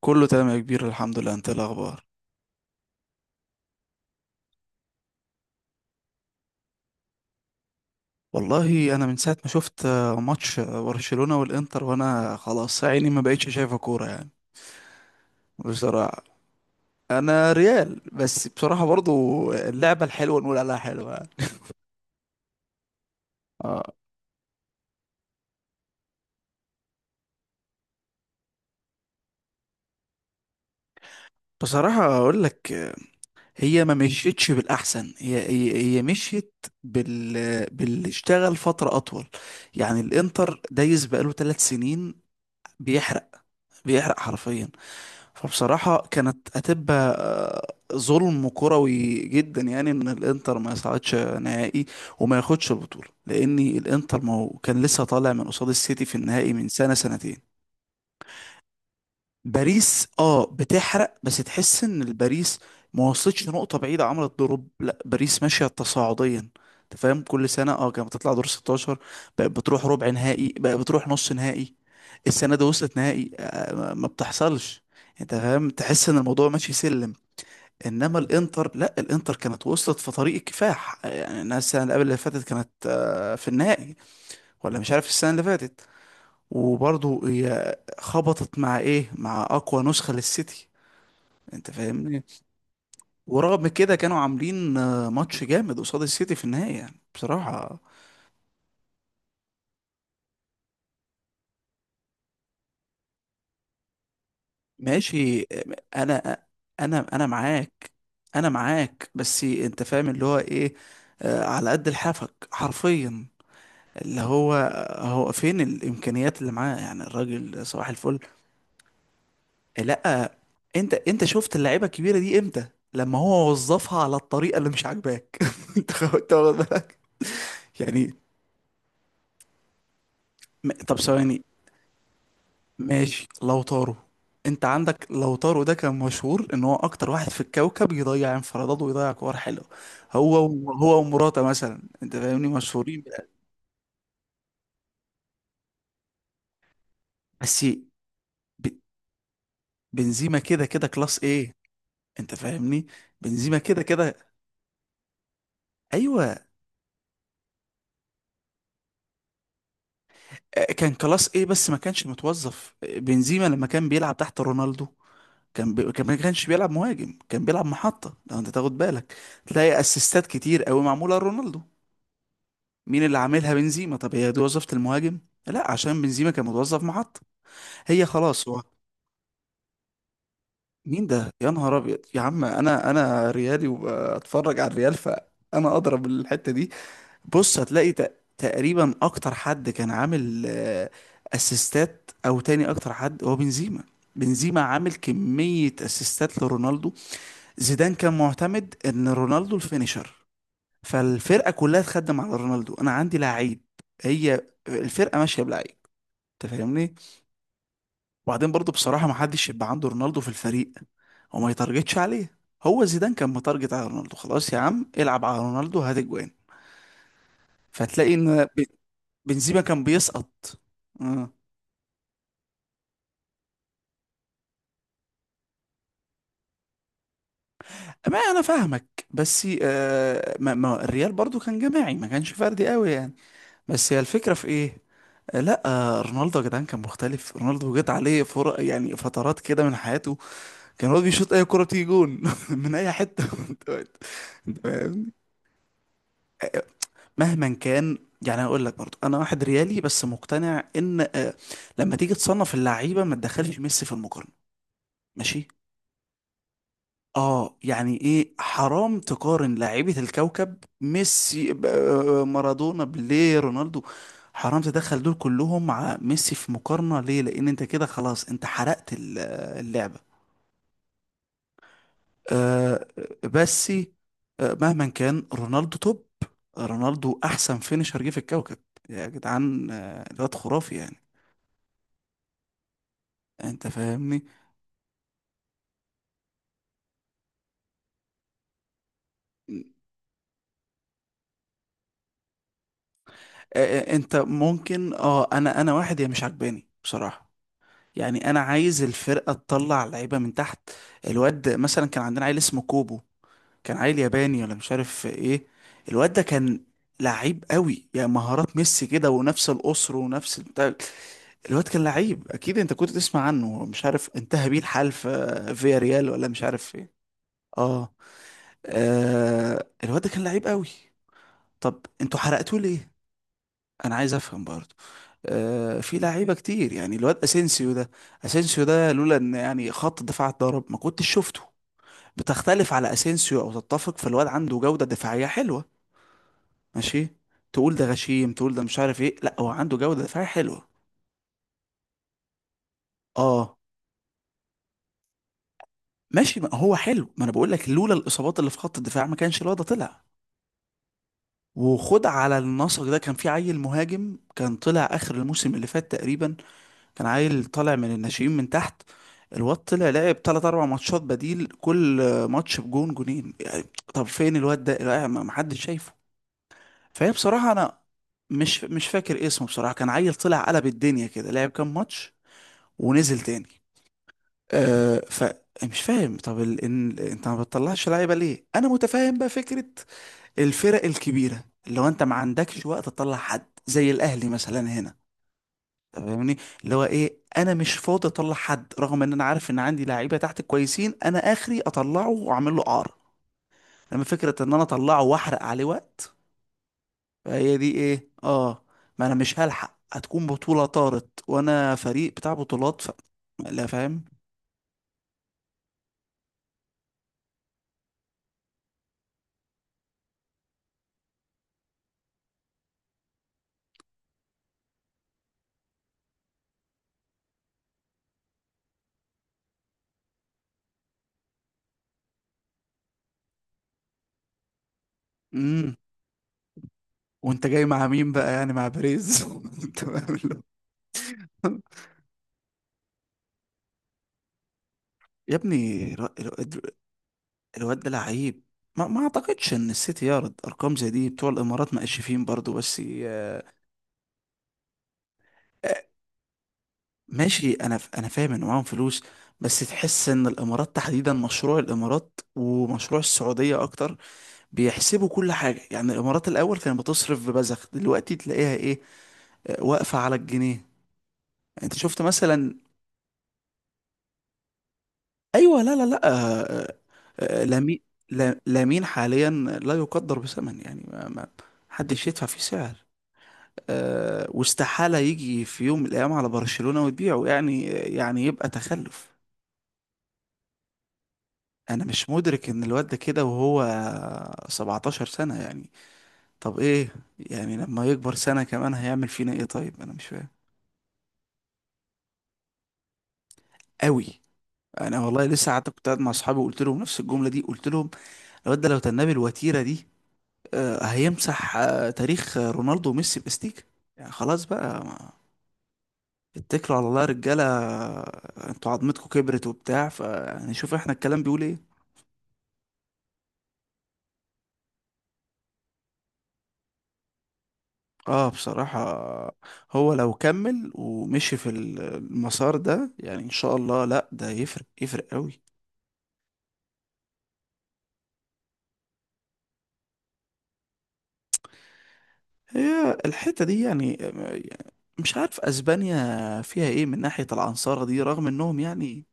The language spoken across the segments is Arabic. كله تمام يا كبير، الحمد لله. انت ايه الاخبار؟ والله انا من ساعه ما شفت ماتش برشلونه والانتر وانا خلاص عيني ما بقتش شايفه كوره يعني. بصراحه انا ريال، بس بصراحه برضو اللعبه الحلوه نقول عليها حلوه يعني. اه، بصراحه اقول لك، هي ما مشيتش بالاحسن. هي مشيت بال باللي اشتغل فتره اطول. يعني الانتر دايس بقاله ثلاث سنين بيحرق، بيحرق حرفيا. فبصراحة كانت هتبقى ظلم كروي جدا، يعني ان الانتر ما يصعدش نهائي وما ياخدش البطولة، لان الانتر ما هو كان لسه طالع من قصاد السيتي في النهائي من سنة سنتين. باريس اه بتحرق، بس تحس ان الباريس ما وصلتش نقطة بعيدة، عملت دروب. لا، باريس ماشية تصاعديا. انت فاهم، كل سنة اه كانت بتطلع دور 16، بقت بتروح ربع نهائي، بقت بتروح نص نهائي. السنة دي وصلت نهائي، ما بتحصلش. انت فاهم، تحس ان الموضوع ماشي سلم. انما الانتر لا، الانتر كانت وصلت في طريق الكفاح، يعني الناس السنة اللي قبل اللي فاتت كانت في النهائي، ولا مش عارف السنة اللي فاتت. وبرضه هي خبطت مع ايه؟ مع اقوى نسخة للسيتي. انت فاهمني؟ ورغم كده كانوا عاملين ماتش جامد قصاد السيتي في النهاية يعني بصراحة. ماشي آه، انا انا معاك. انا معاك، بس انت فاهم اللي هو ايه؟ آه، على قد لحافك حرفيا. اللي هو هو فين الامكانيات اللي معاه؟ يعني الراجل صباح الفل. لا، انت شفت اللعيبه الكبيره دي امتى؟ لما هو وظفها على الطريقه اللي مش عاجباك. انت انت واخد بالك؟ يعني طب ثواني، ماشي لو طارو. انت عندك لو طارو ده كان مشهور ان هو اكتر واحد في الكوكب يضيع انفرادات ويضيع كور حلوه. هو ومراته مثلا، انت فاهمني، مشهورين بس. ب- بنزيما كده كده كلاس ايه، انت فاهمني. بنزيما كده كده. ايوه، كان كلاس ايه، بس ما كانش متوظف. بنزيما لما كان بيلعب تحت رونالدو كان ما كانش بيلعب مهاجم، كان بيلعب محطة. لو انت تاخد بالك، تلاقي اسيستات كتير قوي معمولة لرونالدو. مين اللي عاملها؟ بنزيما. طب هي دي وظيفة المهاجم؟ لا، عشان بنزيما كان متوظف محطة. هي خلاص هو. مين ده يا نهار ابيض؟ يا عم انا ريالي وبتفرج على الريال، فانا اضرب الحتة دي. بص، هتلاقي تقريبا اكتر حد كان عامل اسيستات، او تاني اكتر حد، هو بنزيما. بنزيما عامل كمية اسيستات لرونالدو. زيدان كان معتمد ان رونالدو الفينيشر، فالفرقة كلها تخدم على رونالدو. انا عندي لعيب، هي الفرقة ماشية بلعيب، انت فاهمني؟ وبعدين برضو بصراحة، ما حدش يبقى عنده رونالدو في الفريق وما يتارجتش عليه. هو زيدان كان متارجت على رونالدو، خلاص يا عم العب على رونالدو هات اجوان. فتلاقي ان بنزيما كان بيسقط. آه. ما انا فاهمك، بس آه، ما الريال برضو كان جماعي، ما كانش فردي قوي يعني. بس هي الفكرة في ايه؟ آه، لا آه، رونالدو يا جدعان كان مختلف. رونالدو جت عليه فرق، يعني فترات كده من حياته، كان هو بيشوط اي كرة تيجي جون من اي حتة. أنت فاهم؟ مهما كان، يعني هقول لك برضو، انا واحد ريالي بس مقتنع ان لما تيجي تصنف اللعيبة ما تدخلش ميسي في المقارنة. ماشي. اه يعني ايه؟ حرام تقارن لاعيبة الكوكب ميسي مارادونا، بيليه، رونالدو. حرام تدخل دول كلهم مع ميسي في مقارنة. ليه؟ لان انت كده خلاص انت حرقت اللعبة. آه، بس آه، مهما كان رونالدو توب. رونالدو احسن فينيشر جه في الكوكب، يا جدعان. آه، الواد خرافي يعني، انت فاهمني. انت ممكن اه، انا واحد يا مش عجباني بصراحة. يعني انا عايز الفرقه تطلع لعيبه من تحت. الواد مثلا كان عندنا عيل اسمه كوبو، كان عيل ياباني ولا مش عارف ايه. الواد ده كان لعيب قوي، يعني مهارات ميسي كده، ونفس القصر ونفس البتاع. الواد كان لعيب اكيد، انت كنت تسمع عنه. مش عارف انتهى بيه الحال في فيا ريال ولا مش عارف ايه. اه. آه، الواد ده كان لعيب قوي. طب انتوا حرقتوه ليه؟ انا عايز افهم برضه. في لعيبه كتير، يعني الواد اسينسيو ده، اسينسيو ده لولا ان يعني خط الدفاع اتضرب ما كنتش شفته. بتختلف على اسينسيو او تتفق، فالواد عنده جوده دفاعيه حلوه، ماشي. تقول ده غشيم، تقول ده مش عارف ايه، لا هو عنده جوده دفاعيه حلوه. اه، ماشي، ما هو حلو. ما انا بقول لك لولا الاصابات اللي في خط الدفاع ما كانش الواد ده طلع. وخد على النسق ده، كان في عيل مهاجم كان طلع اخر الموسم اللي فات تقريبا، كان عيل طالع من الناشئين من تحت. الواد طلع لعب تلات أربع ماتشات بديل، كل ماتش بجون جونين يعني. طب فين الواد ده؟ لا، ما حدش شايفه. فهي بصراحة أنا مش فاكر اسمه بصراحة. كان عيل طلع قلب الدنيا كده، لعب كام ماتش ونزل تاني. أه، فمش فاهم. طب انت ما بتطلعش لعيبة ليه؟ أنا متفاهم بقى فكرة الفرق الكبيرة، لو انت ما عندكش وقت تطلع حد زي الأهلي مثلا هنا، فاهمني؟ اللي هو ايه، انا مش فاضي اطلع حد، رغم ان انا عارف ان عندي لعيبه تحت كويسين، انا اخري اطلعه واعمل له قعر. لما فكره ان انا اطلعه واحرق عليه وقت، فهي دي ايه اه. ما انا مش هلحق، هتكون بطوله طارت وانا فريق بتاع بطولات لا، فاهم. امم وانت جاي مع مين بقى؟ يعني مع بيريز. أنت فاهم اللي يا ابني الواد ده لعيب. ما اعتقدش ان السيتي يعرض ارقام زي دي. بتوع الامارات مقشفين برضو بس. ماشي انا انا فاهم ان معاهم فلوس، بس تحس ان الامارات تحديدا، مشروع الامارات ومشروع السعوديه اكتر، بيحسبوا كل حاجه. يعني الامارات الاول كانت بتصرف ببذخ، دلوقتي تلاقيها ايه، واقفه على الجنيه. انت شفت مثلا. ايوه، لا لا لا آه، آه، لامين. لامين حاليا لا يقدر بثمن، يعني ما حدش يدفع فيه سعر. واستحاله يجي في يوم من الايام على برشلونه وتبيعه، يعني يعني يبقى تخلف. انا مش مدرك ان الواد ده كده وهو 17 سنة يعني. طب ايه، يعني لما يكبر سنة كمان هيعمل فينا ايه؟ طيب، انا مش فاهم قوي. انا والله لسه قعدت، كنت قاعد مع اصحابي وقلت لهم نفس الجملة دي، قلت لهم الواد ده لو تنبي الوتيرة دي، هيمسح تاريخ رونالدو وميسي باستيك. يعني خلاص بقى، ما اتكلوا على الله يا رجالة، انتوا عظمتكم كبرت وبتاع، فنشوف احنا الكلام بيقول ايه. اه بصراحة، هو لو كمل ومشي في المسار ده يعني ان شاء الله، لا ده يفرق، يفرق قوي. هي الحتة دي يعني، مش عارف اسبانيا فيها ايه من ناحية العنصرة دي، رغم انهم يعني.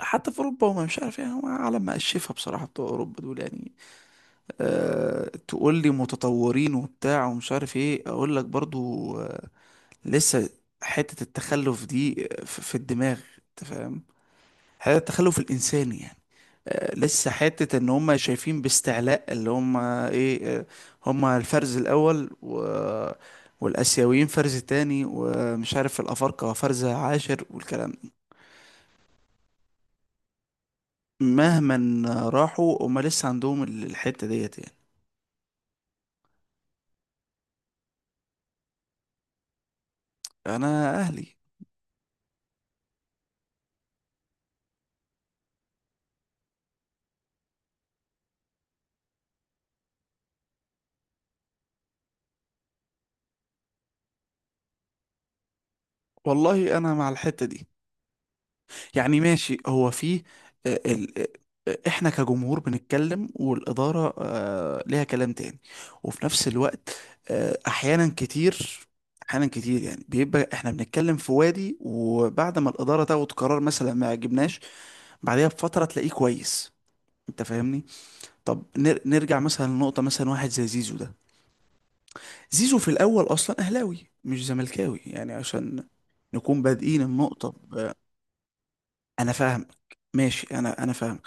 حتى في اوروبا، وما مش عارف، يعني هم عالم مقشفة بصراحة بتوع اوروبا دول يعني. أه تقول لي متطورين وبتاع ومش عارف ايه، اقول لك برضو لسه حتة التخلف دي في الدماغ، انت فاهم؟ هذا التخلف الإنساني يعني. لسه حتة إن هم شايفين باستعلاء، اللي هم إيه، هم الفرز الأول والآسيويين فرز تاني، ومش عارف الأفارقة فرز عاشر والكلام ده. مهما راحوا، هم لسه عندهم الحتة ديت يعني. أنا أهلي. والله أنا مع الحتة دي. يعني ماشي، هو في آه، ال... آه، آه، احنا كجمهور بنتكلم، والإدارة ليها كلام تاني. وفي نفس الوقت آه، احيانا كتير احيانا كتير، يعني بيبقى احنا بنتكلم في وادي، وبعد ما الإدارة تاخد قرار مثلا ما يعجبناش، بعدها بفترة تلاقيه كويس، انت فاهمني؟ طب نرجع مثلا لنقطة، مثلا واحد زي زيزو ده، زيزو في الأول أصلا أهلاوي مش زملكاوي، يعني عشان نكون بادئين النقطة. انا فاهمك، ماشي، انا فاهمك.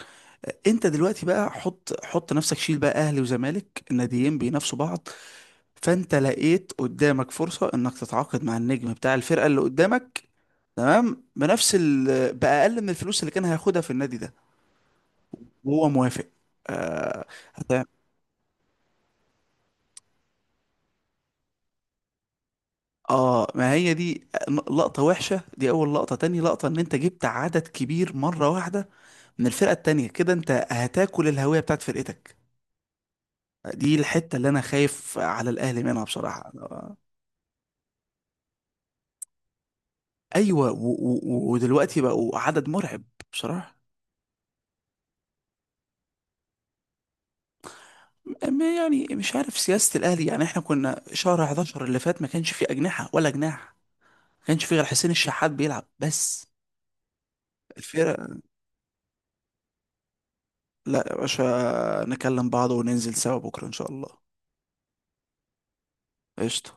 انت دلوقتي بقى حط نفسك، شيل بقى اهلي وزمالك، الناديين بينافسوا بعض، فانت لقيت قدامك فرصة انك تتعاقد مع النجم بتاع الفرقة اللي قدامك، تمام، بنفس باقل من الفلوس اللي كان هياخدها في النادي ده، وهو موافق. آه، هتعمل إيه؟ اه، ما هي دي لقطة وحشة، دي اول لقطة. تاني لقطة ان انت جبت عدد كبير مرة واحدة من الفرقة التانية، كده انت هتاكل الهوية بتاعت فرقتك. دي الحتة اللي أنا خايف على الأهلي منها بصراحة أيوة، ودلوقتي بقوا عدد مرعب بصراحة. يعني مش عارف سياسة الأهلي. يعني إحنا كنا شهر 11 اللي فات ما كانش فيه أجنحة ولا جناح، ما كانش فيه غير حسين الشحات بيلعب بس. الفرق لا يا باشا، نكلم بعض وننزل سوا بكرة إن شاء الله. قشطة.